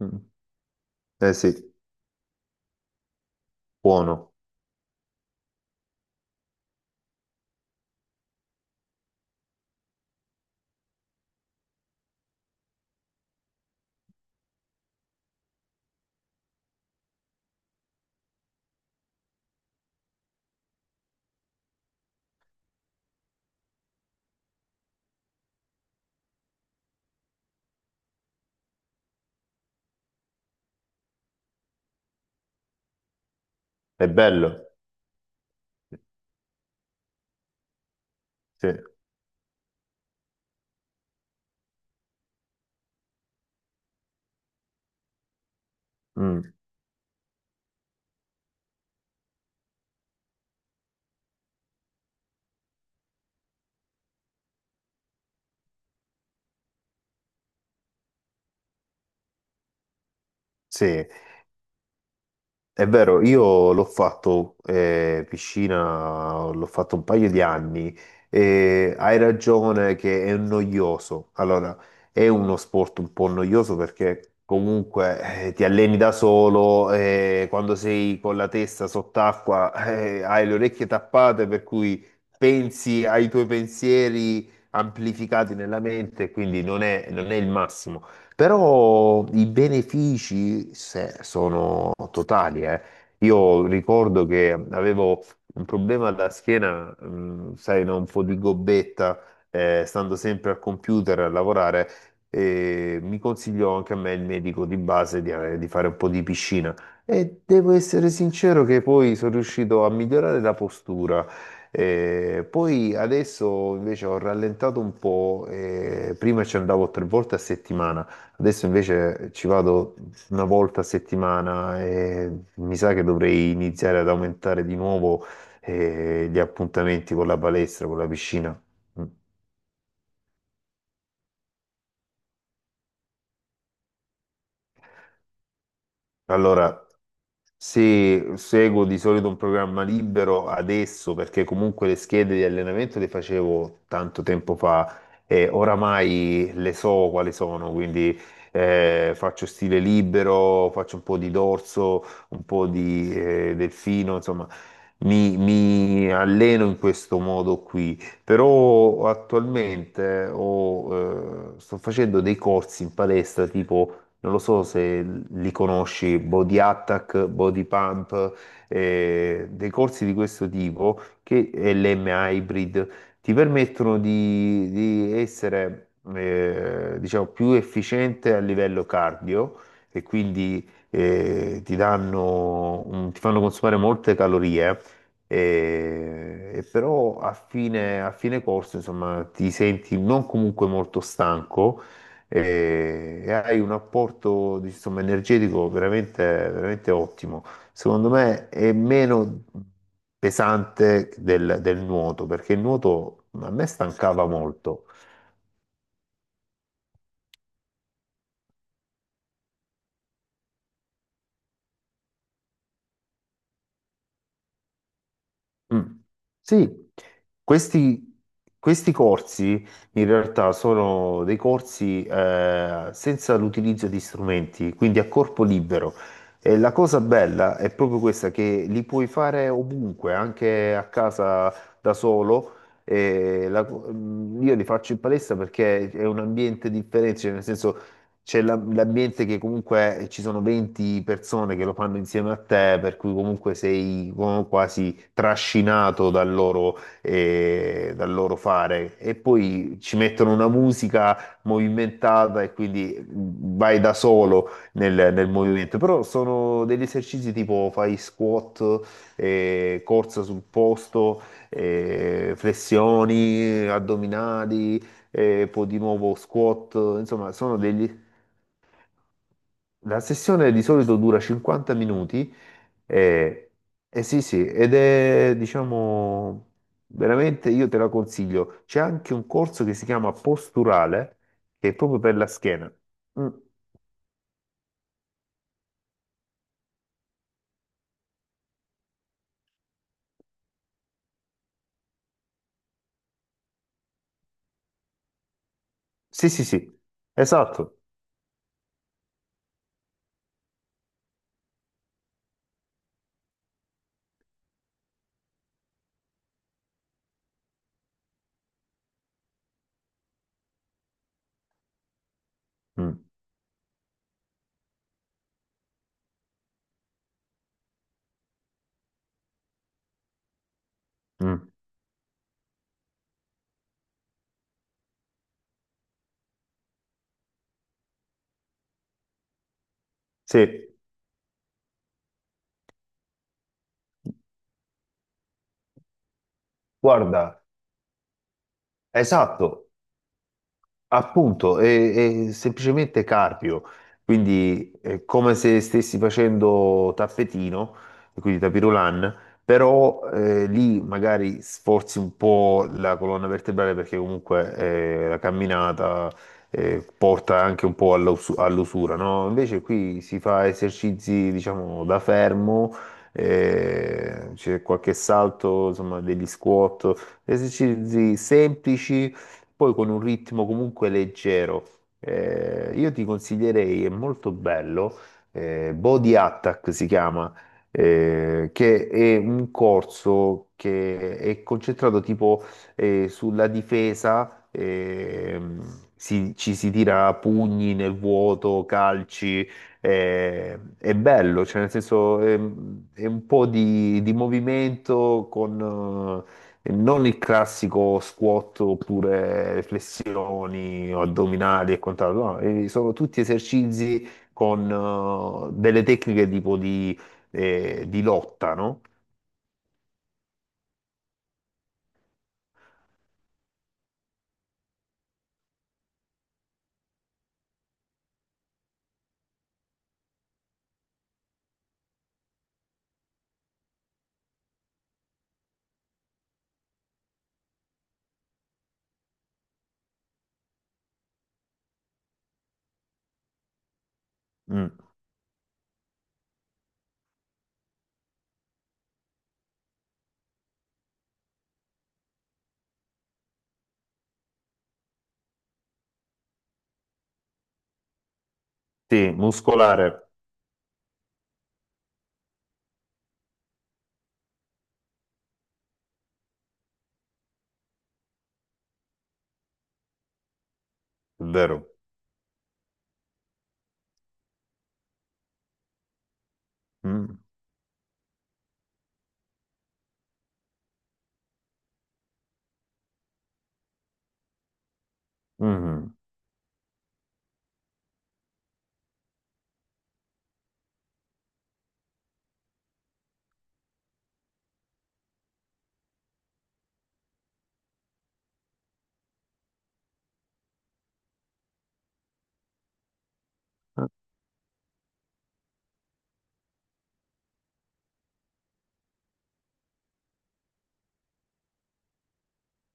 Mm. Eh sì, buono, è bello. Sì, mm, sì. È vero, io l'ho fatto piscina, l'ho fatto un paio di anni e hai ragione che è noioso. Allora, è uno sport un po' noioso perché comunque ti alleni da solo e quando sei con la testa sott'acqua hai le orecchie tappate per cui pensi ai tuoi pensieri amplificati nella mente, quindi non è il massimo. Però i benefici sono totali, eh. Io ricordo che avevo un problema alla schiena, sai, no? Un po' di gobbetta, stando sempre al computer a lavorare, e mi consigliò anche a me il medico di base di fare un po' di piscina. E devo essere sincero che poi sono riuscito a migliorare la postura. Poi adesso invece ho rallentato un po', prima ci andavo tre volte a settimana. Adesso invece ci vado una volta a settimana e mi sa che dovrei iniziare ad aumentare di nuovo gli appuntamenti con la palestra, con la piscina. Mm. Allora, se seguo di solito un programma libero adesso, perché comunque le schede di allenamento le facevo tanto tempo fa e oramai le so quali sono, quindi faccio stile libero, faccio un po' di dorso, un po' di delfino, insomma, mi alleno in questo modo qui. Però attualmente sto facendo dei corsi in palestra tipo non lo so se li conosci, Body Attack, Body Pump, dei corsi di questo tipo, che è l'M Hybrid, ti permettono di essere, diciamo, più efficiente a livello cardio e quindi ti fanno consumare molte calorie. E però a fine corso, insomma, ti senti non comunque molto stanco, e hai un apporto, insomma, energetico veramente, veramente ottimo. Secondo me è meno pesante del nuoto, perché il nuoto a me stancava molto. Mm. Sì, questi, questi corsi in realtà sono dei corsi senza l'utilizzo di strumenti, quindi a corpo libero. E la cosa bella è proprio questa, che li puoi fare ovunque, anche a casa da solo. Io li faccio in palestra perché è un ambiente differente, cioè nel senso c'è l'ambiente che comunque ci sono 20 persone che lo fanno insieme a te, per cui comunque sei quasi trascinato dal loro fare. E poi ci mettono una musica movimentata e quindi vai da solo nel movimento. Però sono degli esercizi tipo fai squat, corsa sul posto, flessioni, addominali. E poi di nuovo squat, insomma, sono degli la sessione di solito dura 50 minuti e, e sì, sì, ed è, diciamo, veramente io te la consiglio. C'è anche un corso che si chiama posturale, che è proprio per la schiena. Mm, sì, sì, sì, esatto. Mm, mm, sì, guarda, esatto. Appunto, è semplicemente carpio, quindi è come se stessi facendo tappetino, e quindi tapirulan, però lì magari sforzi un po' la colonna vertebrale perché comunque la camminata porta anche un po' all'usura, no? Invece qui si fa esercizi, diciamo, da fermo, c'è qualche salto, insomma, degli squat, esercizi semplici poi con un ritmo comunque leggero. Io ti consiglierei, è molto bello, Body Attack si chiama, che è un corso che è concentrato tipo sulla difesa, ci si tira pugni nel vuoto, calci, è bello, cioè nel senso un po' di movimento con e non il classico squat oppure flessioni o addominali e quant'altro, no, sono tutti esercizi con delle tecniche tipo di lotta, no? Mm, sì, muscolare, vero. Mm, mhm.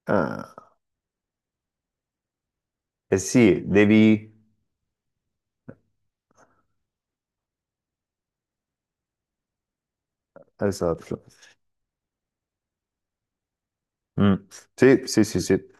Ah, eh sì, devi. Esatto. Mm, sì, sì, sì, sì.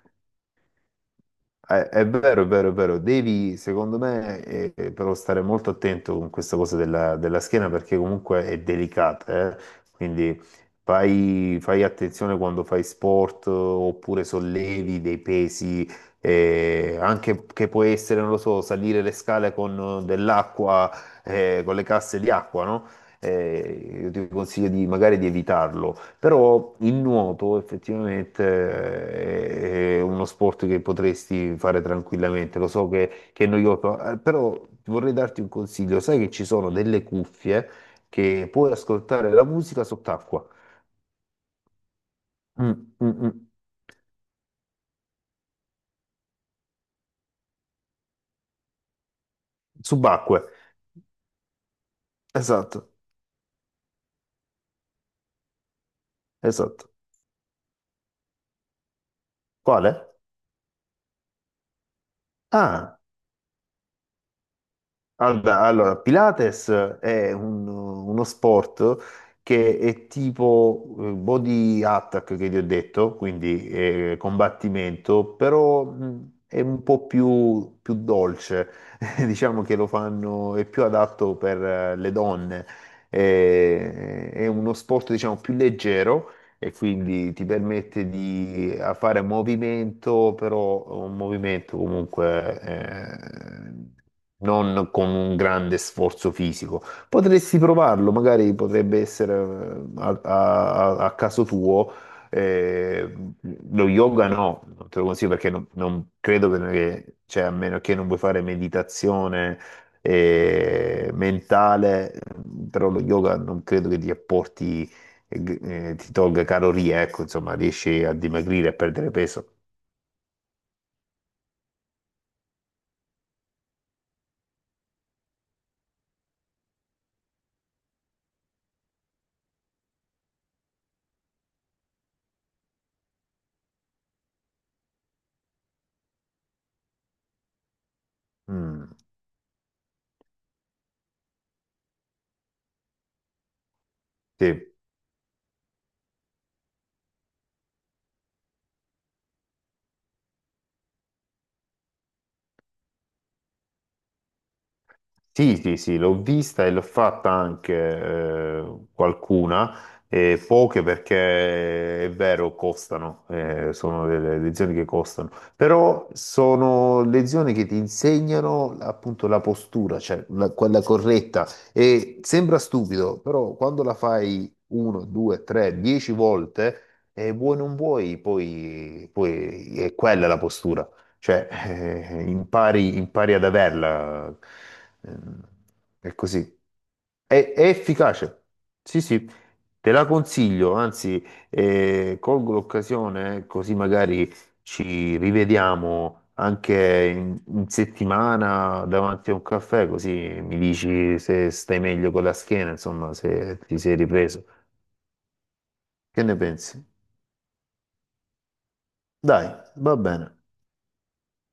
È vero, è vero, è vero. Devi, secondo me, però stare molto attento con questa cosa della schiena perché comunque è delicata, eh. Quindi fai attenzione quando fai sport oppure sollevi dei pesi, anche che può essere, non lo so, salire le scale con dell'acqua, con le casse di acqua, no? Io ti consiglio di, magari di evitarlo, però il nuoto effettivamente è uno sport che potresti fare tranquillamente, lo so che è noioso, però vorrei darti un consiglio, sai che ci sono delle cuffie che puoi ascoltare la musica sott'acqua. Mm, mm, mm. Subacque, esatto, esatto. Quale? Ah. Allora, Pilates è uno sport che è tipo body attack che ti ho detto, quindi combattimento, però è un po' più dolce, diciamo che lo fanno, è più adatto per le donne. È uno sport diciamo più leggero e quindi ti permette di fare movimento, però un movimento comunque non con un grande sforzo fisico. Potresti provarlo, magari potrebbe essere a caso tuo. eh, Lo yoga no, non te lo consiglio perché non credo che, cioè, a meno che non vuoi fare meditazione mentale, però lo yoga non credo che ti apporti ti tolga calorie, ecco, insomma, riesci a dimagrire e a perdere peso. Mm, sì. Sì, sì, sì, l'ho vista e l'ho fatta anche qualcuna, poche perché è vero, costano, sono delle lezioni che costano, però sono lezioni che ti insegnano appunto la postura, cioè quella corretta. E sembra stupido, però quando la fai uno, due, tre, dieci volte, vuoi non vuoi, poi è quella la postura. Cioè, impari ad averla. Ehm, È così. È efficace. Sì, sì, te la consiglio, anzi, colgo l'occasione, così magari ci rivediamo anche in settimana davanti a un caffè, così mi dici se stai meglio con la schiena, insomma, se ti sei ripreso. Che ne pensi? Dai, va bene.